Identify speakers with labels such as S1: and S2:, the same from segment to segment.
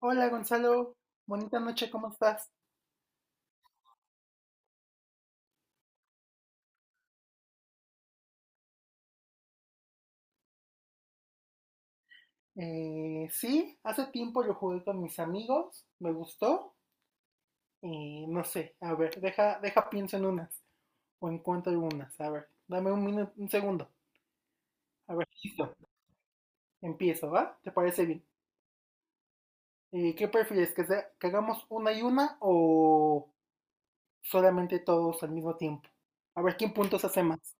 S1: Hola Gonzalo, bonita noche, ¿cómo estás? Sí, hace tiempo lo jugué con mis amigos, me gustó y no sé, a ver, deja pienso en unas o encuentro algunas, a ver, dame un minuto, un segundo, a ver, listo, empiezo, ¿va? ¿Te parece bien? ¿Qué prefieres, que hagamos una y una o solamente todos al mismo tiempo? A ver, ¿quién puntos hace más?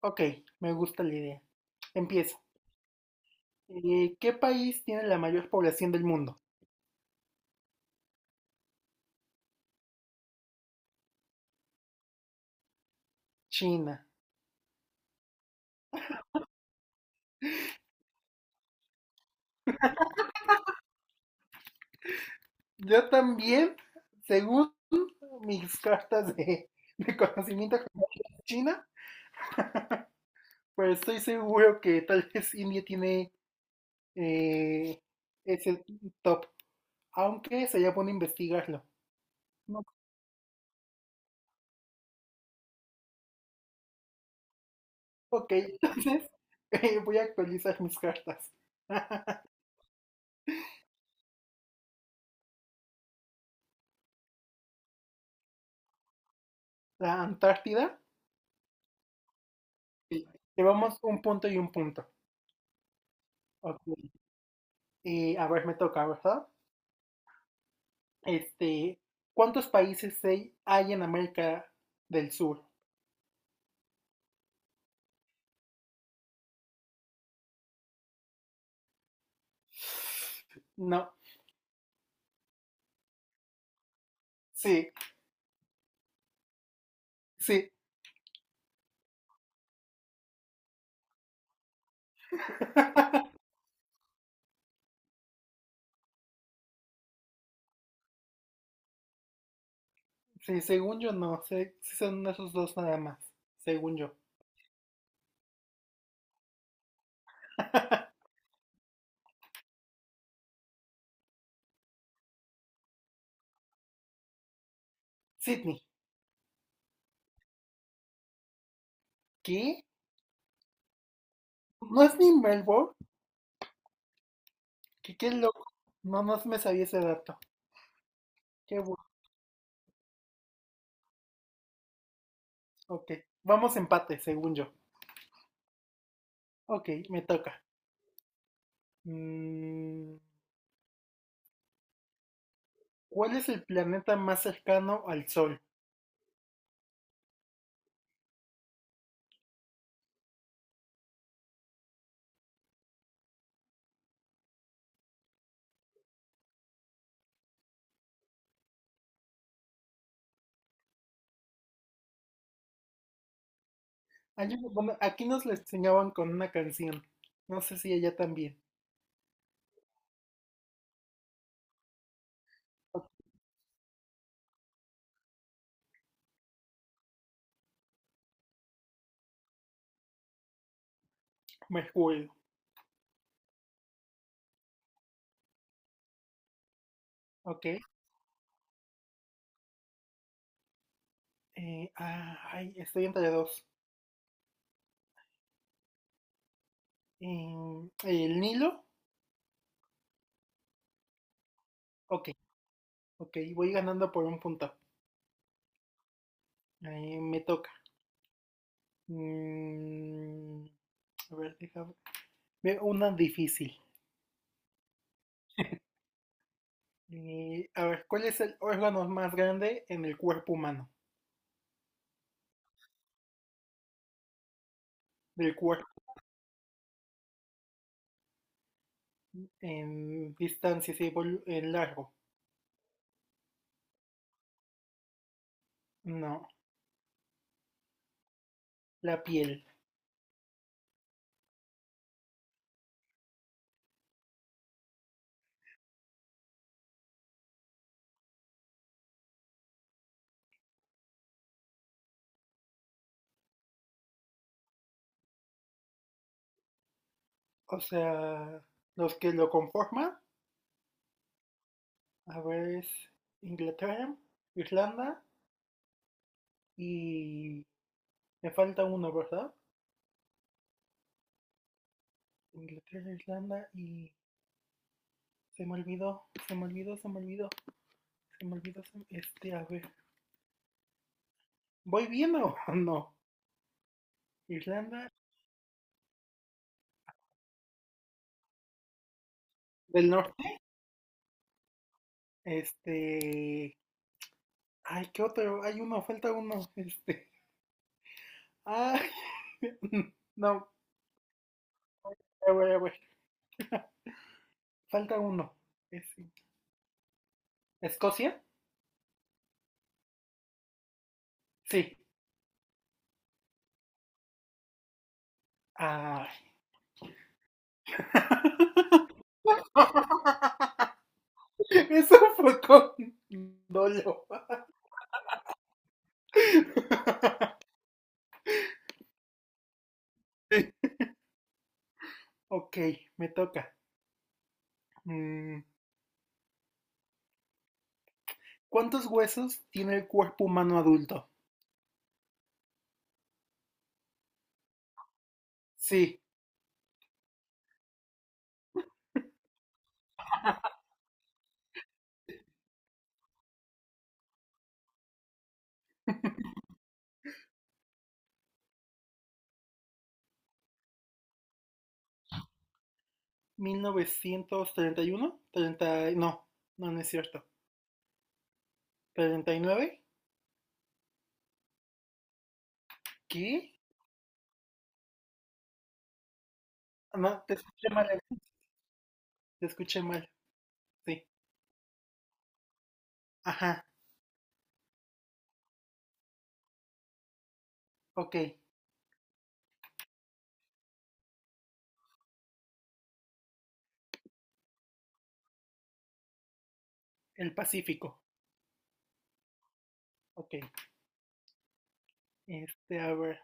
S1: Ok, me gusta la idea. Empiezo. ¿Qué país tiene la mayor población del mundo? China. Yo también, según mis cartas de conocimiento con China, pues estoy seguro que tal vez India tiene eh, ese top, aunque sería bueno investigarlo. No, ok, entonces voy a actualizar mis cartas. La Antártida, eh, llevamos un punto y un punto. Ok, a ver, me toca, ¿verdad? Este, ¿cuántos países hay en América del Sur? No, sí. Sí. Sí, según yo no. Sé, sí son esos dos nada más. Según yo. Sydney. ¿Qué? ¿No es ni Melbourne? ¿Qué loco? No, no me sabía ese dato. Qué bueno. Ok. Vamos empate, según yo. Ok, me toca. Mm, ¿Cuál es el planeta más cercano al Sol? Hay bueno, aquí nos lo enseñaban con una canción. No sé si ella también. Ok, Mercurio. Ok. Estoy entre dos. ¿El Nilo? Ok. Ok, voy ganando por un punto. Ahí me toca. Mm, a ver, déjame. Ve una difícil. A ver, ¿cuál es el órgano más grande en el cuerpo humano? Del cuerpo en distancia, sí, en largo. No, la piel. O sea, los que lo conforman, a ver, es Inglaterra, Irlanda y... Me falta uno, ¿verdad? Inglaterra, Irlanda y... Se me olvidó, se me olvidó, se me olvidó. Se me olvidó. Este, a ver. ¿Voy bien o no? Irlanda del Norte. Este. Ay, ¿qué otro? Hay uno, falta uno. Este. Ay. No, a ver. Falta uno. Ese. ¿Escocia? Sí. Ay. Eso fue con dolo. Ok, me toca. Mm, ¿Cuántos huesos tiene el cuerpo humano adulto? Sí. 1931 30 no, no, no es cierto. 39. ¿Qué? No, te escuché mal, Alexis, te escuché mal, sí. Ajá, ok, el Pacífico, ok. Este, a ver,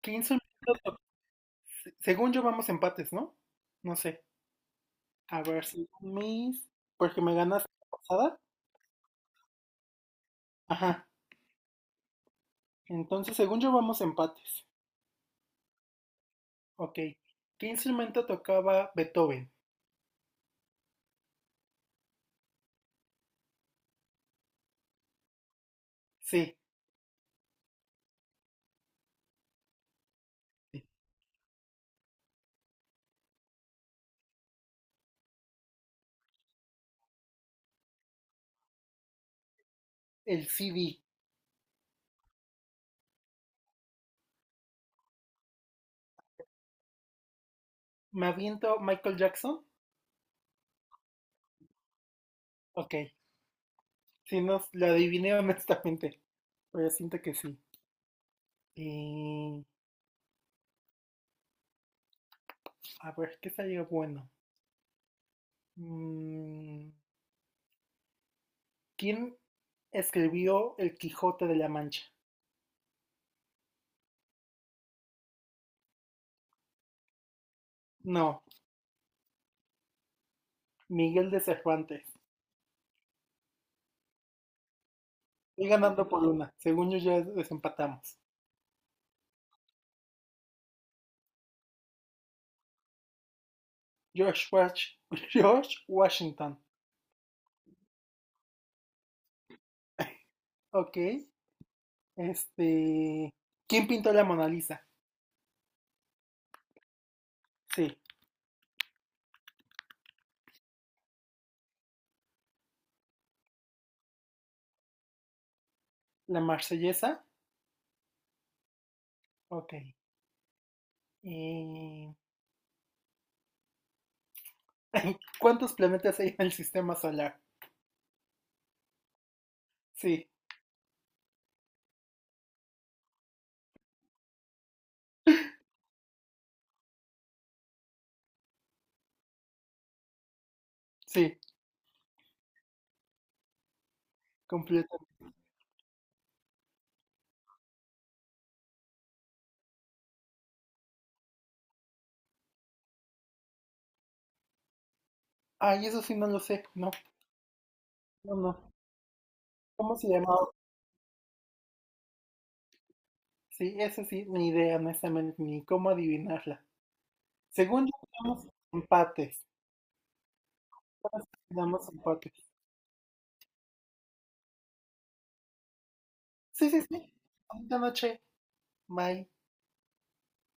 S1: ¿qué instrumento? Según yo vamos empates, ¿no? No sé, a ver, según mis, porque me ganaste la pasada. Ajá, entonces según yo vamos empates, ok. ¿Qué instrumento tocaba Beethoven? Sí, el CD. ¿Me aviento Michael Jackson? Ok, sí, nos la adiviné honestamente, pero siento que sí. Y a ver, ¿qué salió bueno? Mm, ¿Quién escribió El Quijote de la Mancha? No, Miguel de Cervantes. Estoy ganando por una, según yo ya desempatamos. George, Wash- George Washington. Ok, este... ¿Quién pintó la Mona Lisa? Sí, la Marsellesa. Ok. eh, ¿Cuántos planetas hay en el sistema solar? Sí, Sí, completo. Ay, eso sí no lo sé. No, no. ¿Cómo se llamaba? Sí, eso sí, ni idea, honestamente, ni cómo adivinarla. Según yo, quedamos empates. Ahora sí empates. Sí. Bonita noche. Bye.